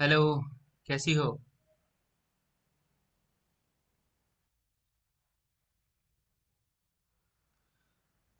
Hello. कैसी हो?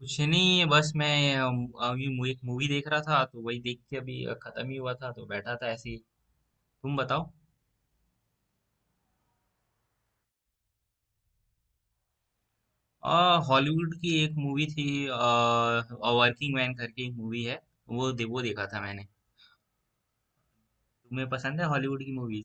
कुछ नहीं, बस मैं अभी एक मूवी देख रहा था तो वही देख के अभी खत्म ही हुआ था तो बैठा था ऐसे ही। तुम बताओ। आ हॉलीवुड की एक मूवी थी, वर्किंग मैन करके एक मूवी है। वो देखा था मैंने। तुम्हें पसंद है हॉलीवुड की मूवी?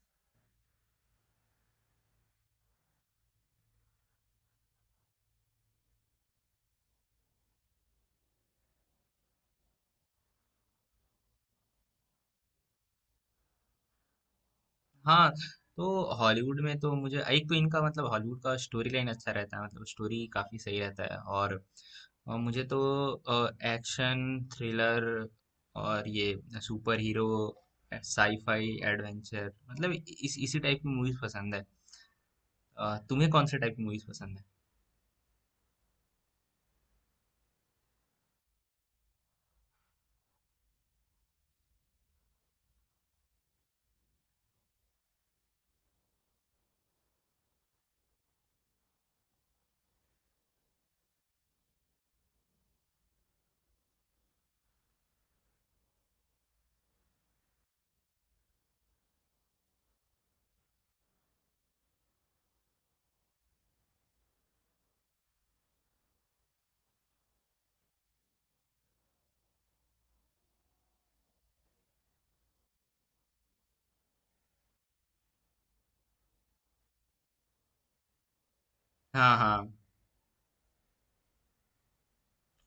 हाँ, तो हॉलीवुड में तो मुझे एक तो इनका मतलब हॉलीवुड का स्टोरी लाइन अच्छा रहता है, मतलब स्टोरी काफी सही रहता है, और मुझे तो एक्शन थ्रिलर और ये सुपर हीरो साईफाई एडवेंचर मतलब इस इसी टाइप की मूवीज पसंद है। तुम्हें कौन से टाइप की मूवीज पसंद है? हाँ हाँ।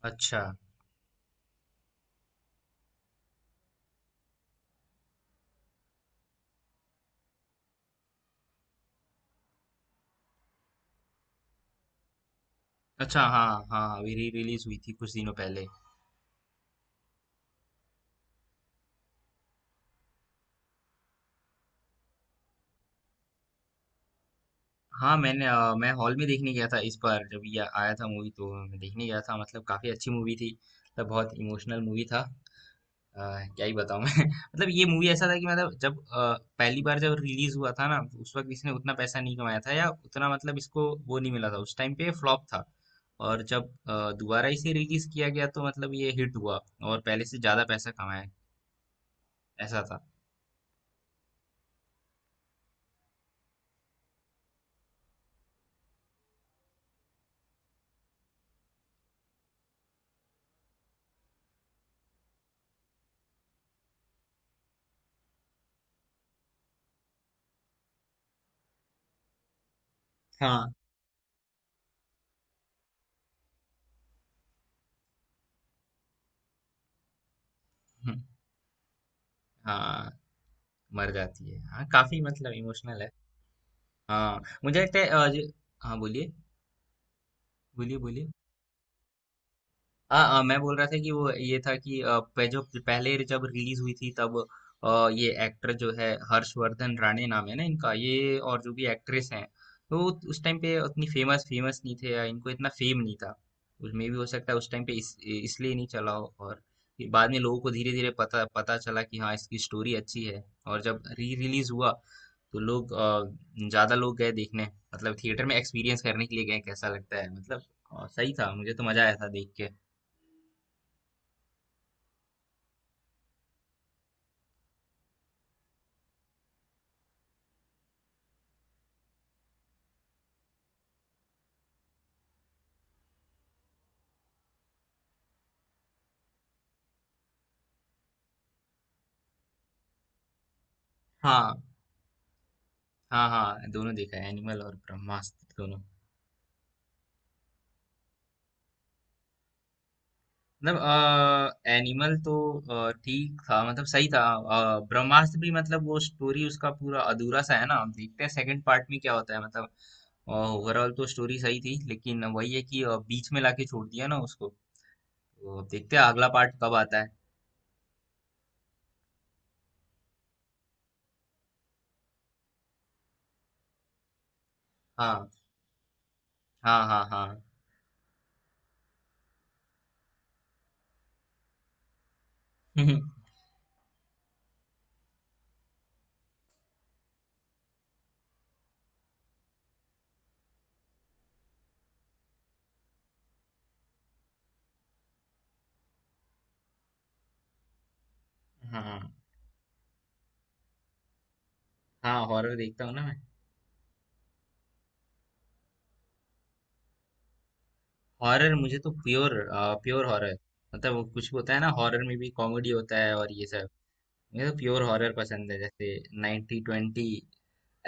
अच्छा। अच्छा हाँ हाँ, अभी री रिलीज हुई थी कुछ दिनों पहले। हाँ, मैंने मैं हॉल में देखने गया था, इस बार जब ये आया था मूवी तो मैं देखने गया था, मतलब काफ़ी अच्छी मूवी थी। मतलब बहुत इमोशनल मूवी था। अ, क्या ही बताऊँ मैं। मतलब ये मूवी ऐसा था कि मतलब जब पहली बार जब रिलीज़ हुआ था ना, उस वक़्त इसने उतना पैसा नहीं कमाया था, या उतना मतलब इसको वो नहीं मिला था, उस टाइम पे फ्लॉप था। और जब दोबारा इसे रिलीज़ किया गया तो मतलब ये हिट हुआ और पहले से ज़्यादा पैसा कमाया। ऐसा था। हाँ। हुँ, हाँ, मर जाती है। हाँ, काफ़ी मतलब इमोशनल है। हाँ मुझे लगता है हाँ बोलिए। बोलिए बोलिए। हाँ हाँ, मैं बोल रहा था कि वो ये था कि जो पहले जब रिलीज हुई थी तब ये एक्टर जो है, हर्षवर्धन राणे नाम है ना इनका, ये और जो भी एक्ट्रेस हैं, तो उस टाइम पे उतनी फेमस फेमस नहीं थे या इनको इतना फेम नहीं था। उसमें भी हो सकता है उस टाइम पे इसलिए नहीं चला हो। और फिर बाद में लोगों को धीरे धीरे पता पता चला कि हाँ इसकी स्टोरी अच्छी है, और जब री रिलीज हुआ तो ज्यादा लोग गए देखने, मतलब थिएटर में एक्सपीरियंस करने के लिए गए कैसा लगता है मतलब। सही था, मुझे तो मजा आया था देख के। हाँ हाँ हाँ, दोनों देखा है, एनिमल और ब्रह्मास्त्र दोनों। मतलब एनिमल तो ठीक था, मतलब सही था। ब्रह्मास्त्र भी मतलब वो स्टोरी उसका पूरा अधूरा सा है ना, हम देखते हैं सेकंड पार्ट में क्या होता है, मतलब ओवरऑल तो स्टोरी सही थी, लेकिन वही है कि बीच में लाके छोड़ दिया ना उसको, तो अब देखते हैं अगला पार्ट कब आता है। हाँ हाँ हाँ हाँ। हाँ हाँ, हॉरर देखता हूँ ना मैं। हॉरर मुझे तो प्योर, प्योर हॉरर, मतलब वो कुछ होता है ना हॉरर में भी कॉमेडी होता है और ये सब, ये तो प्योर हॉरर पसंद है, जैसे 90 ट्वेंटी,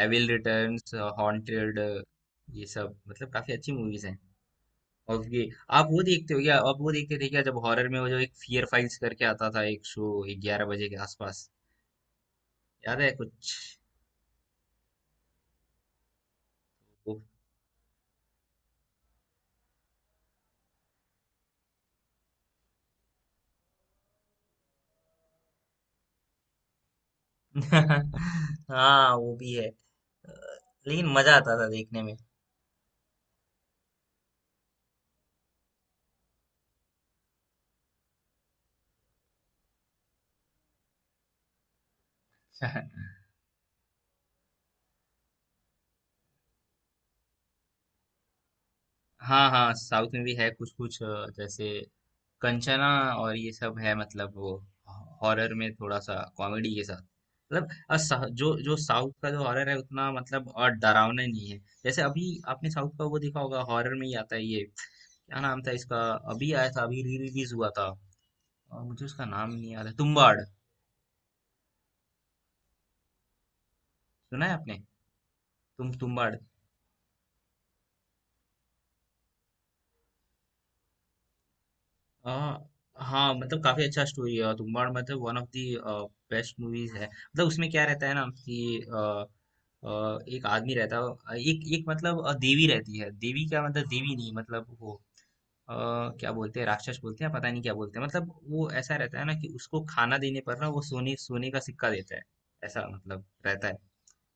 एविल रिटर्न्स, हॉन्टेड, ये सब मतलब काफी अच्छी मूवीज हैं। और ये, आप वो देखते हो क्या, आप वो देखते थे क्या जब हॉरर में वो जो एक फियर फाइल्स करके आता था, एक शो 11 बजे के आसपास, याद है कुछ? वो- हाँ वो भी है। लेकिन मजा आता था देखने में। हाँ हाँ, साउथ में भी है कुछ कुछ, जैसे कंचना, और ये सब है मतलब वो हॉरर में थोड़ा सा कॉमेडी के साथ, मतलब जो जो साउथ का जो हॉरर है उतना मतलब और डरावना नहीं है। जैसे अभी आपने साउथ का वो देखा होगा, हॉरर में ही आता है ये, क्या नाम था इसका, अभी आया था, अभी री रिलीज हुआ था, और मुझे उसका नाम नहीं याद है, तुम्बाड़। सुना है आपने? तुम्बाड़। आ, हाँ, मतलब काफी अच्छा स्टोरी है, और तुम्बाड़ मतलब one of the best movies है। मतलब उसमें क्या रहता है ना कि आ, आ, एक आदमी रहता है, एक एक मतलब देवी रहती है, देवी क्या मतलब देवी नहीं, मतलब वो आ, क्या बोलते हैं, राक्षस बोलते हैं, पता नहीं क्या बोलते हैं, मतलब वो ऐसा रहता है ना कि उसको खाना देने पर ना वो सोने सोने का सिक्का देता है, ऐसा मतलब रहता है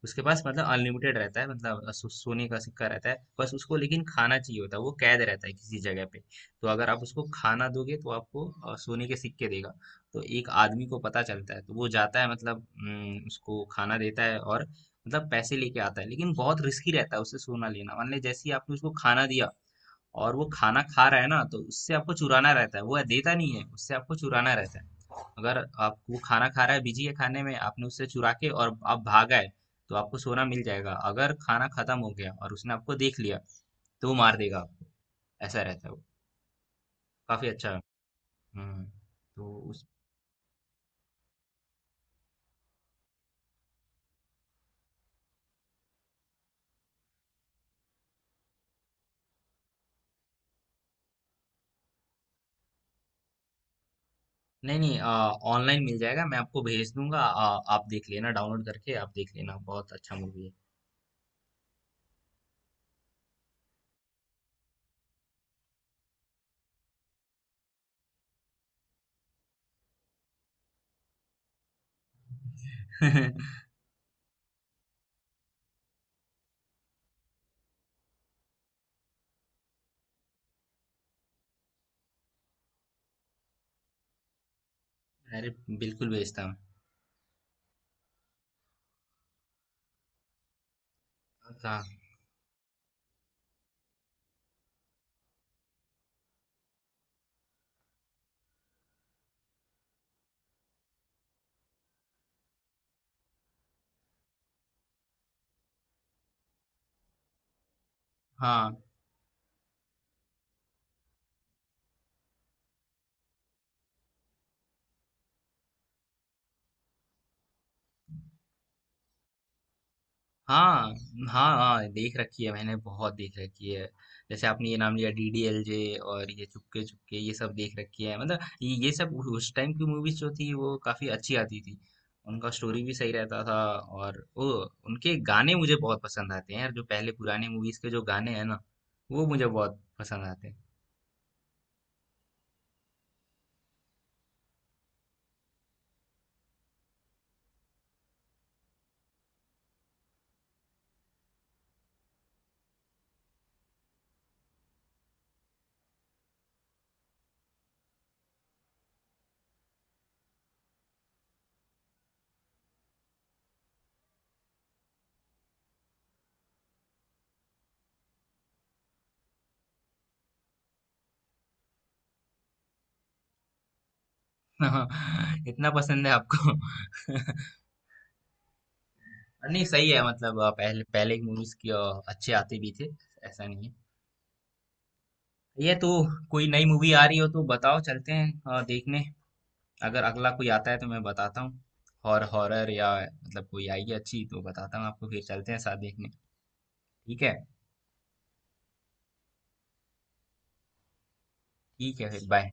उसके पास, मतलब अनलिमिटेड रहता है, मतलब सोने का सिक्का रहता है बस, उसको लेकिन खाना चाहिए होता है, वो कैद रहता है किसी जगह पे। तो अगर आप उसको खाना दोगे तो आपको सोने के सिक्के देगा। तो एक आदमी को पता चलता है तो वो जाता है, मतलब उसको खाना देता है और मतलब पैसे लेके आता है, लेकिन बहुत रिस्की रहता है उससे सोना लेना। मान लीजिए जैसे ही आपने उसको खाना दिया और वो खाना खा रहा है ना तो उससे आपको चुराना रहता है, वो देता नहीं है, उससे आपको चुराना रहता है। अगर आप, वो खाना खा रहा है, बिजी है खाने में, आपने उससे चुरा के और आप भाग आए, तो आपको सोना मिल जाएगा। अगर खाना खत्म हो गया और उसने आपको देख लिया तो वो मार देगा आपको, ऐसा रहता है वो। काफी अच्छा है। हम्म। तो उस नहीं नहीं, ऑनलाइन मिल जाएगा, मैं आपको भेज दूंगा। आप देख लेना, डाउनलोड करके आप देख लेना, बहुत अच्छा मूवी है। अरे बिल्कुल भेजता हूँ। हाँ हाँ, हाँ, हाँ, हाँ, देख रखी है मैंने, बहुत देख रखी है। जैसे आपने ये नाम लिया, डीडीएलजे और ये चुपके चुपके, ये सब देख रखी है। मतलब ये सब उस टाइम की मूवीज जो थी वो काफी अच्छी आती थी। उनका स्टोरी भी सही रहता था, और वो उनके गाने मुझे बहुत पसंद आते हैं यार, जो पहले पुराने मूवीज के जो गाने हैं ना वो मुझे बहुत पसंद आते हैं। इतना पसंद है आपको? नहीं सही है, मतलब पहले पहले की मूवीज की अच्छे आते भी थे, ऐसा नहीं है। ये तो कोई नई मूवी आ रही हो तो बताओ, चलते हैं देखने। अगर अगला कोई आता है तो मैं बताता हूँ, हॉरर या मतलब कोई आई है अच्छी तो बताता हूँ आपको, फिर चलते हैं साथ देखने। ठीक है। ठीक है फिर, बाय।